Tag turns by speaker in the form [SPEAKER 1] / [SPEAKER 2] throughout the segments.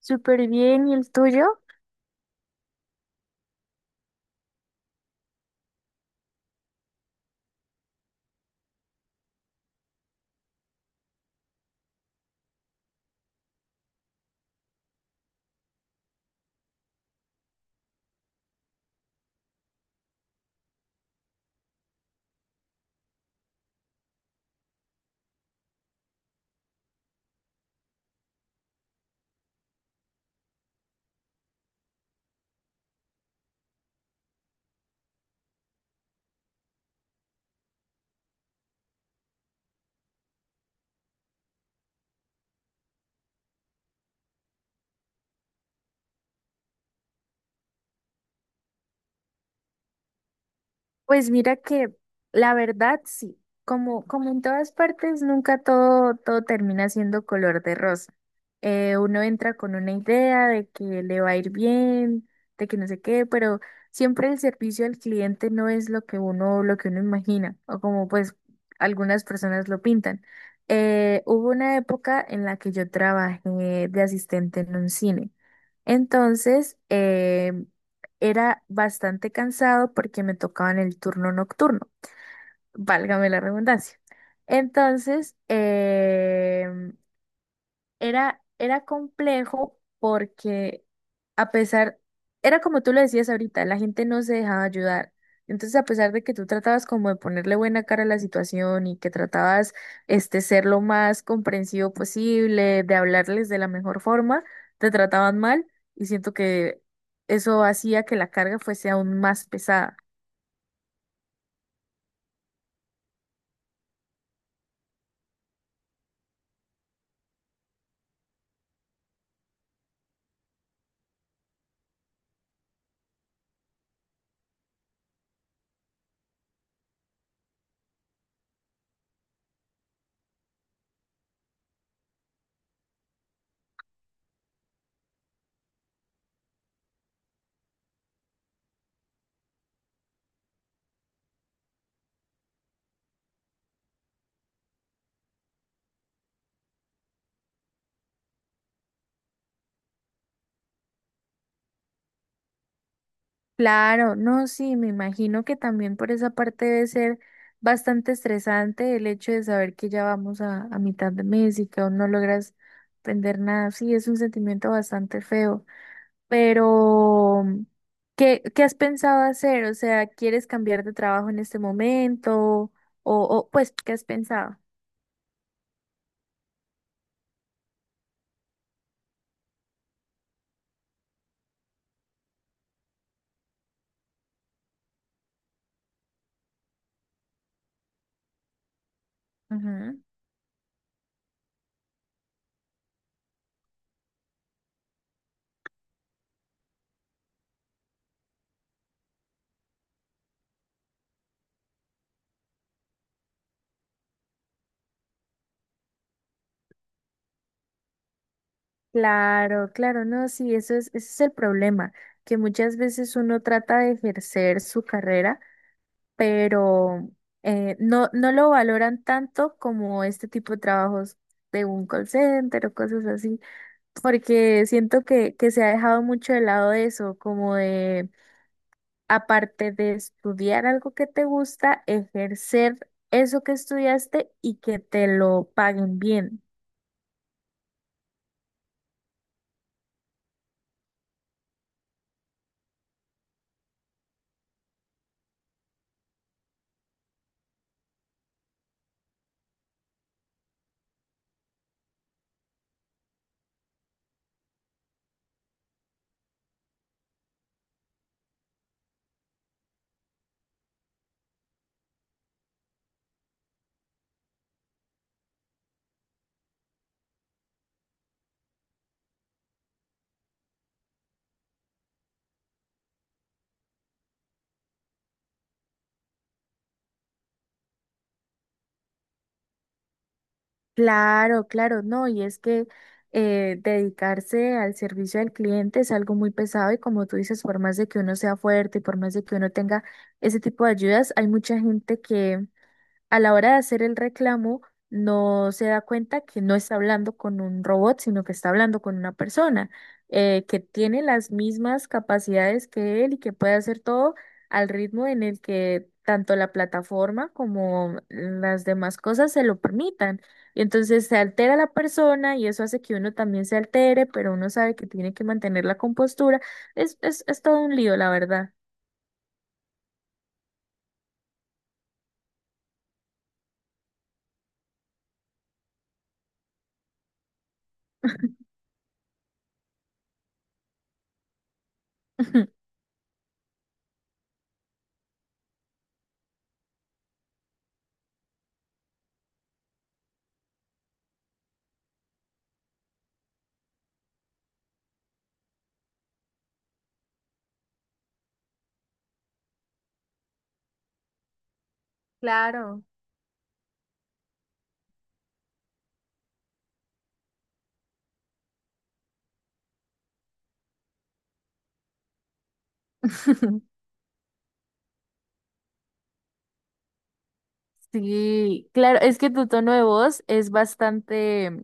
[SPEAKER 1] Súper bien, ¿y el tuyo? Pues mira que la verdad sí, como, como en todas partes, nunca todo termina siendo color de rosa. Uno entra con una idea de que le va a ir bien, de que no sé qué, pero siempre el servicio al cliente no es lo que uno imagina, o como pues algunas personas lo pintan. Hubo una época en la que yo trabajé de asistente en un cine. Entonces, eh, Era bastante cansado porque me tocaba en el turno nocturno, válgame la redundancia. Entonces, em, era complejo porque a pesar, era como tú lo decías ahorita, la gente no se dejaba ayudar. Entonces, a pesar de que tú tratabas como de ponerle buena cara a la situación y que tratabas este ser lo más comprensivo posible, de hablarles de la mejor forma, te trataban mal y siento que eso hacía que la carga fuese aún más pesada. Claro, no, sí, me imagino que también por esa parte debe ser bastante estresante el hecho de saber que ya vamos a mitad de mes y que aún no logras aprender nada. Sí, es un sentimiento bastante feo, pero ¿qué, qué has pensado hacer? O sea, ¿quieres cambiar de trabajo en este momento? O pues, ¿qué has pensado? Ujú. Claro, claro, no, sí, eso es, ese es el problema, que muchas veces uno trata de ejercer su carrera pero no, no lo valoran tanto como este tipo de trabajos de un call center o cosas así, porque siento que se ha dejado mucho de lado eso, como de, aparte de estudiar algo que te gusta, ejercer eso que estudiaste y que te lo paguen bien. Claro, claro, no, y es que dedicarse al servicio al cliente es algo muy pesado y como tú dices, por más de que uno sea fuerte por más de que uno tenga ese tipo de ayudas, hay mucha gente a la hora de hacer el reclamo, no se da cuenta que no está hablando con un robot, sino que está hablando con una persona que tiene las mismas capacidades que él y que puede hacer todo al ritmo en el que tanto la plataforma como las demás cosas se lo permitan. Y entonces se altera la persona y eso hace que uno también se altere, pero uno sabe que tiene que mantener la compostura. Es todo un lío, la verdad. Claro. Sí, claro, es que tu tono de voz es bastante,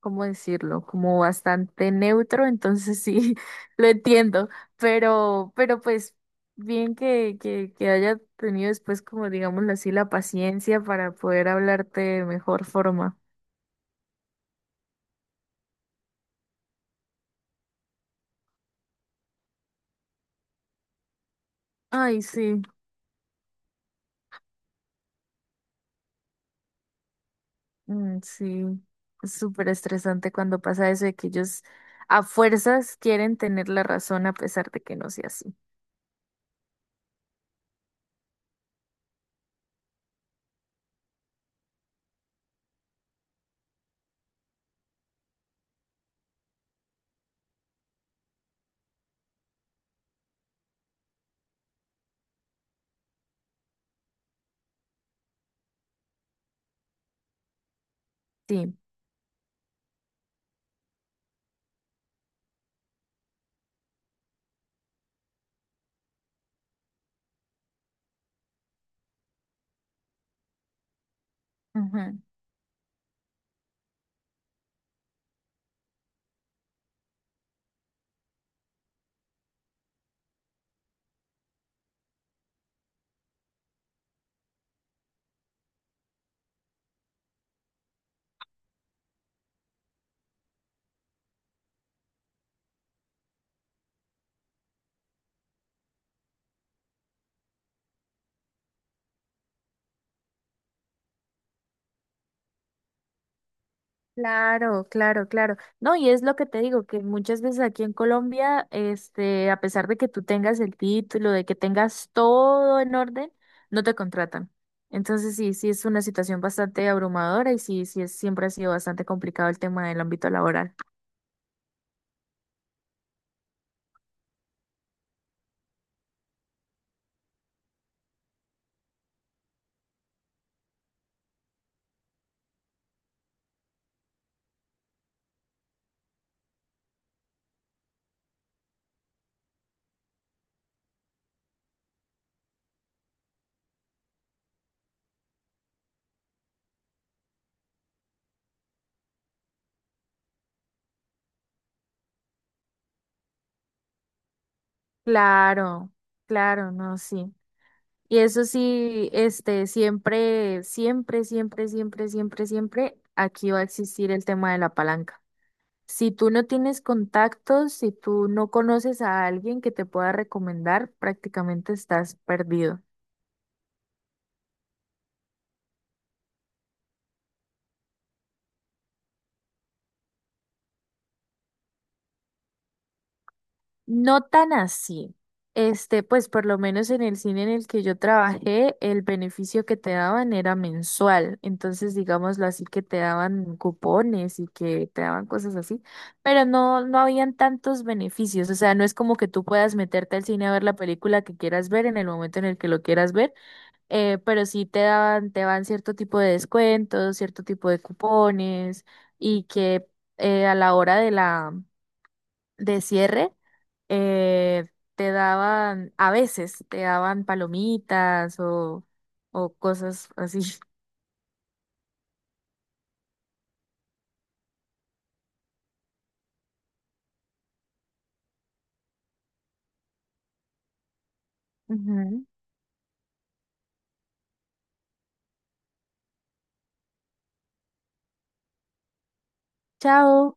[SPEAKER 1] ¿cómo decirlo? Como bastante neutro, entonces sí, lo entiendo, pero pues bien que haya tenido después, como digámoslo así, la paciencia para poder hablarte de mejor forma. Ay, sí, mm, sí, es súper estresante cuando pasa eso de que ellos a fuerzas quieren tener la razón a pesar de que no sea así. Sí. Claro, claro, claro. No, y es lo que te digo, que muchas veces aquí en Colombia, este, a pesar de que tú tengas el título, de que tengas todo en orden, no te contratan. Entonces sí, sí es una situación bastante abrumadora y sí, sí es, siempre ha sido bastante complicado el tema del ámbito laboral. Claro, claro, no, sí. Y eso sí, este, siempre, siempre, siempre, siempre, siempre, siempre, aquí va a existir el tema de la palanca. Si tú no tienes contactos, si tú no conoces a alguien que te pueda recomendar, prácticamente estás perdido. No tan así. Este, pues por lo menos en el cine en el que yo trabajé, el beneficio que te daban era mensual. Entonces, digámoslo así, que te daban cupones y que te daban cosas así, pero no, no habían tantos beneficios. O sea, no es como que tú puedas meterte al cine a ver la película que quieras ver en el momento en el que lo quieras ver pero sí te dan cierto tipo de descuentos, cierto tipo de cupones y que a la hora de la de cierre eh, te daban, a veces te daban palomitas o cosas así. Ujú. Chao.